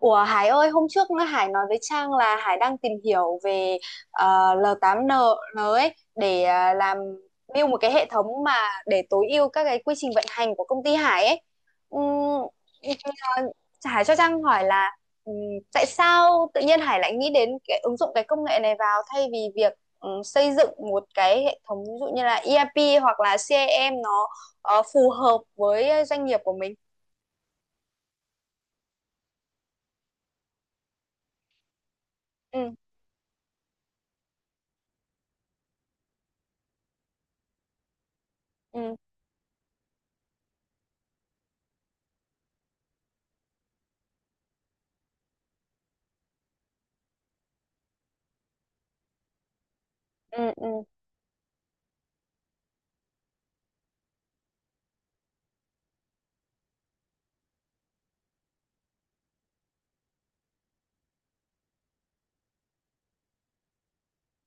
Ủa Hải ơi, hôm trước Hải nói với Trang là Hải đang tìm hiểu về ờ, L8N ấy để làm build một cái hệ thống mà để tối ưu các cái quy trình vận hành của công ty Hải ấy. Ừm, ờ, Hải cho Trang hỏi là ừm, tại sao tự nhiên Hải lại nghĩ đến cái ứng dụng cái công nghệ này vào thay vì việc xây dựng một cái hệ thống ví dụ như là ERP hoặc là CRM nó phù hợp với doanh nghiệp của mình. Ừ, ừ, ừ, ừ,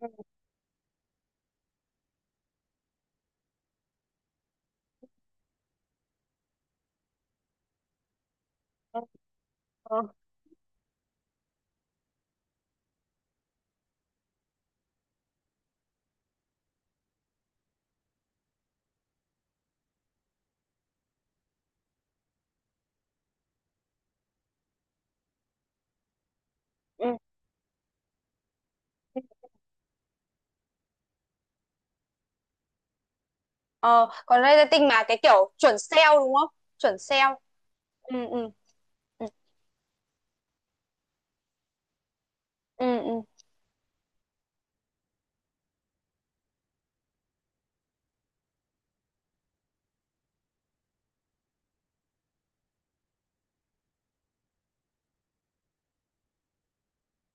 ừ. Ừ. Ừ. ờ Còn marketing mà cái kiểu chuẩn sale đúng không? Chuẩn sale. Ừ, ừ, ừ, ừ, ừ,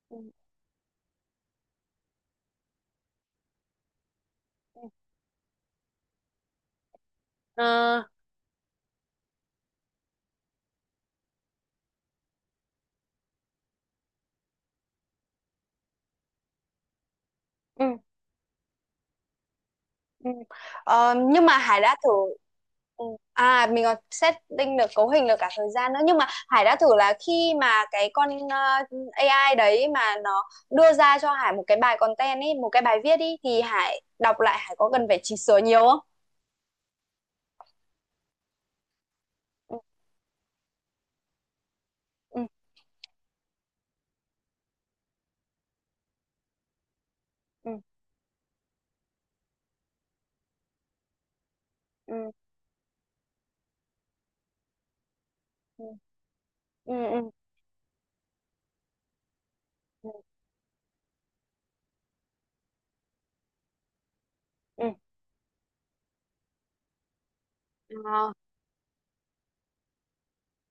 ừ. Ờ, ừ, ừ. Ờ, nhưng mà Hải đã thử. Ừ. À, mình còn setting được cấu hình được cả thời gian nữa, nhưng mà Hải đã thử là khi mà cái con AI đấy mà nó đưa ra cho Hải một cái bài content ấy, một cái bài viết ý thì Hải đọc lại Hải có cần phải chỉnh sửa nhiều không? Ừ, ừ, ừ, ừ, ừ, ừ, ừ, ừ. Ừ. Ờ.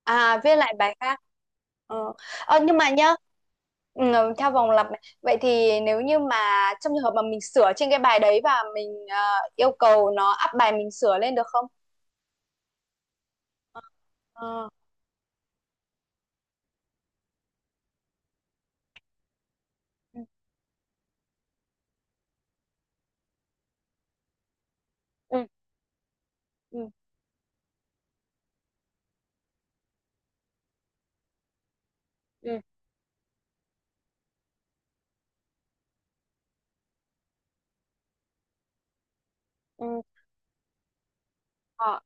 À, viết lại bài khác ờ. Nhưng mà nhá, ừ, theo vòng lặp này. Vậy thì nếu như mà trong trường hợp mà mình sửa trên cái bài đấy và mình yêu cầu nó up bài mình sửa lên được không? Ờ. Ừ. Ừ. Ừ. Ừ. Ừ. Ờ.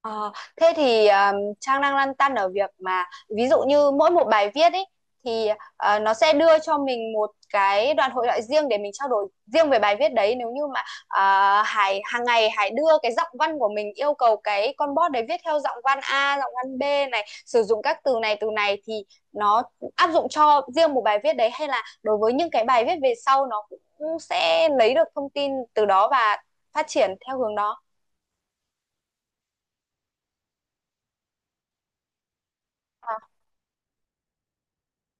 Ờ, thế thì Trang đang lăn tăn ở việc mà ví dụ như mỗi một bài viết ấy thì nó sẽ đưa cho mình một cái đoạn hội thoại riêng để mình trao đổi riêng về bài viết đấy, nếu như mà ờ, Hải hàng ngày Hải đưa cái giọng văn của mình yêu cầu cái con bot đấy viết theo giọng văn A, giọng văn B này sử dụng các từ này thì nó áp dụng cho riêng một bài viết đấy hay là đối với những cái bài viết về sau nó cũng sẽ lấy được thông tin từ đó và phát triển theo hướng đó. À,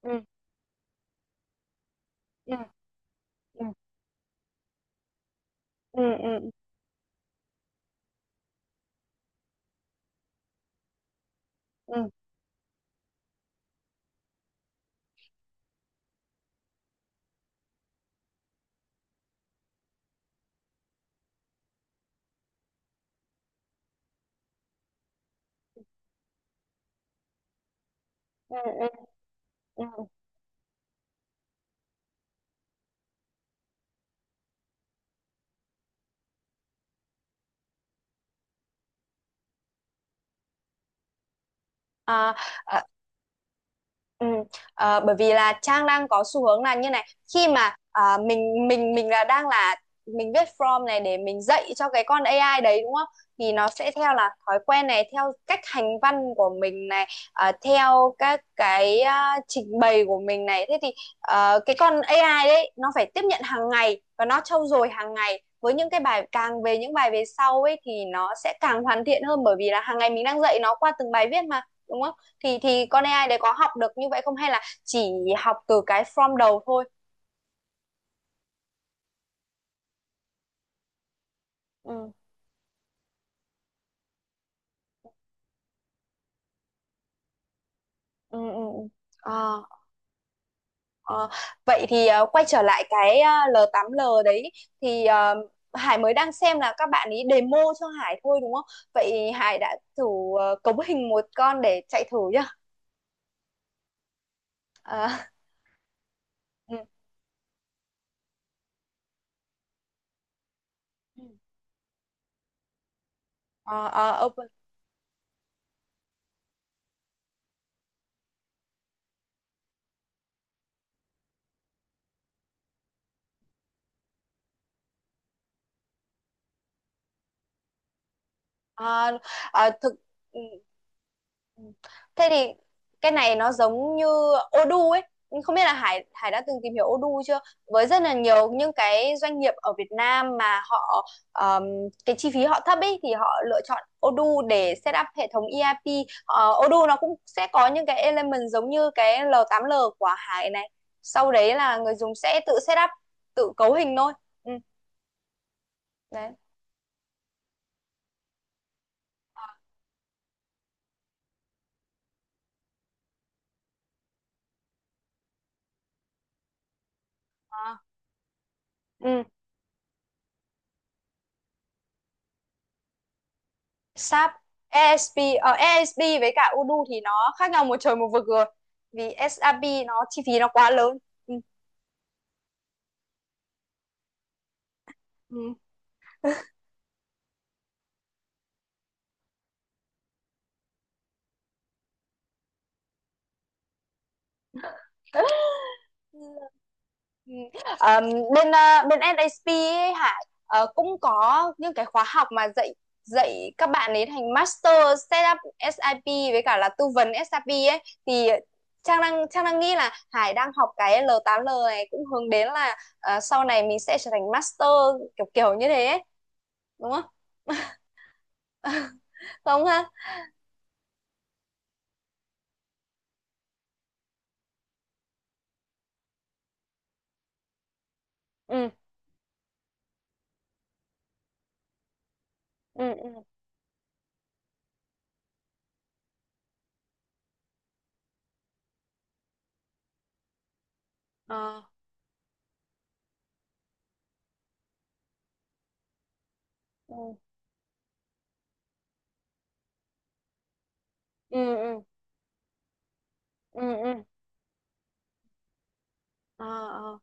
ừ, ừ. Ừ. Ừ, ừ, ừ, ừ, ừ, ừ. À, Ừ. Bởi vì là Trang đang có xu hướng là như này, khi mà à, mình là đang là mình viết prompt này để mình dạy cho cái con AI đấy đúng không? Thì nó sẽ theo là thói quen này theo cách hành văn của mình này, theo các cái à, trình bày của mình này thế thì cái con AI đấy nó phải tiếp nhận hàng ngày và nó trau dồi hàng ngày với những cái bài càng về những bài về sau ấy thì nó sẽ càng hoàn thiện hơn bởi vì là hàng ngày mình đang dạy nó qua từng bài viết mà đúng không? Thì con AI đấy có học được như vậy không hay là chỉ học từ cái from đầu thôi? Ừ, ừ, ừ. Ừ. Ờ, ờ. Vậy thì quay trở lại cái L8L đấy thì Hải mới đang xem là các bạn ý demo cho Hải thôi đúng không? Vậy Hải đã thử cấu hình một con để chạy thử nhá. Ờ, ừ. Ờ, ờ, ok. À, à, thực, ừ, ừ. Thế thì cái này nó giống như Odoo ấy, nhưng không biết là Hải Hải đã từng tìm hiểu Odoo chưa, với rất là nhiều những cái doanh nghiệp ở Việt Nam mà họ ờm, cái chi phí họ thấp ấy thì họ lựa chọn Odoo để set up hệ thống ERP. Ờ, Odoo nó cũng sẽ có những cái element giống như cái L8L của Hải này, sau đấy là người dùng sẽ tự set up tự cấu hình thôi, ừ, đấy. À. Ừ. SAP. ASP. Ờ, ASP với cả Udu thì nó khác nhau một trời một vực rồi, vì SAP nó chi phí nó quá lớn. Ừ. Ừ. Ừ. Ờ, bên SAP ấy, Hải cũng có những cái khóa học mà dạy dạy các bạn ấy thành master setup SIP với cả là tư vấn SIP ấy thì Trang đang nghĩ là Hải đang học cái l tám l này cũng hướng đến là sau này mình sẽ trở thành master, kiểu kiểu như thế ấy. Đúng không? Đúng không ha? Ừ, ừ, ừ. Ờ, ừ, ừ, ừ, ừ, ừ. Ờ, ờ.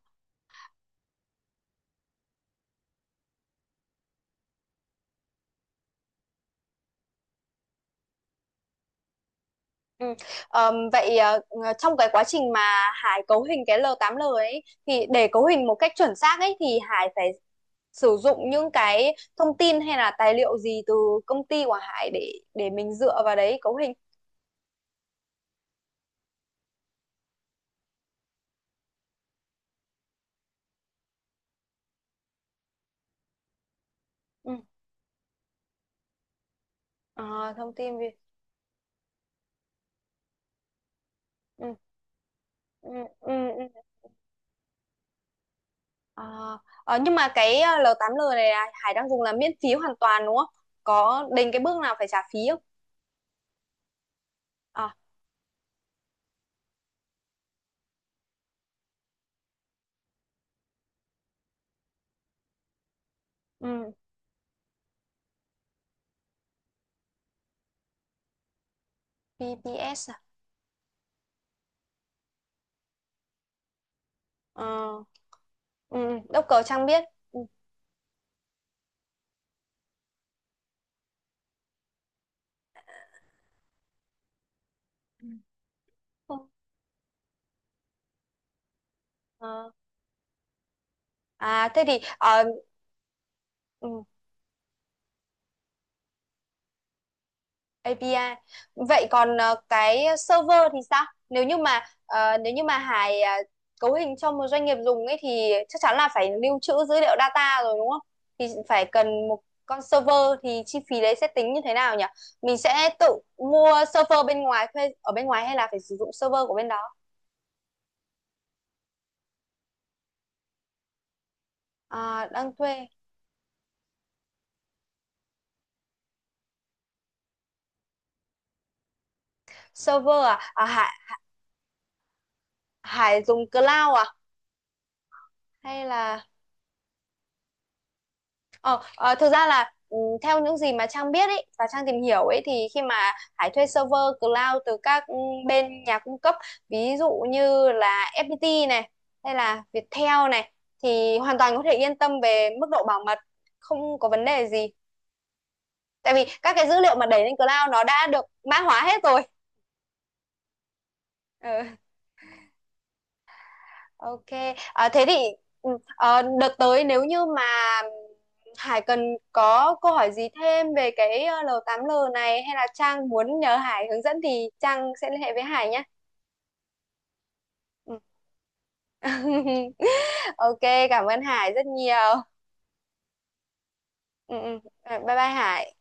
Ừ. Vậy trong cái quá trình mà Hải cấu hình cái l tám l ấy thì để cấu hình một cách chuẩn xác ấy thì Hải phải sử dụng những cái thông tin hay là tài liệu gì từ công ty của Hải để mình dựa vào đấy cấu hình. Ừ. Ờ, thông tin về. Ừ. Ừ. Ừ. Ừ. Ờ, ờ, nhưng mà cái l tám l này là Hải đang dùng là miễn phí hoàn toàn đúng không? Có đến cái bước nào phải trả phí không? À. Ừ. BBS à? Ờ, ừ, Đốc cờ Trang biết. Ừ. Ừ. Ờ. À, thế thì ừ, API. Vậy còn cái server thì sao? Nếu như mà Hải cấu hình cho một doanh nghiệp dùng ấy thì chắc chắn là phải lưu trữ dữ liệu data rồi đúng không? Thì phải cần một con server, thì chi phí đấy sẽ tính như thế nào nhỉ? Mình sẽ tự mua server bên ngoài thuê ở bên ngoài hay là phải sử dụng server của bên đó? À, đang thuê server à? À, Hải Hải dùng cloud à? Hay là ờ, ờ, thực ra là theo những gì mà Trang biết ấy và Trang tìm hiểu ấy thì khi mà Hải thuê server cloud từ các bên nhà cung cấp ví dụ như là FPT này hay là Viettel này thì hoàn toàn có thể yên tâm về mức độ bảo mật, không có vấn đề gì tại vì các cái dữ liệu mà đẩy lên cloud nó đã được mã hóa hết rồi. Ừ. Ok, à, thế thì ừ, đợt tới nếu như mà Hải cần có câu hỏi gì thêm về cái L8L này hay là Trang muốn nhờ Hải hướng dẫn thì Trang sẽ liên hệ với Hải nhé. Ừ. Ok, cảm ơn Hải rất nhiều. Ừ, ừ. Ờ, bye bye Hải.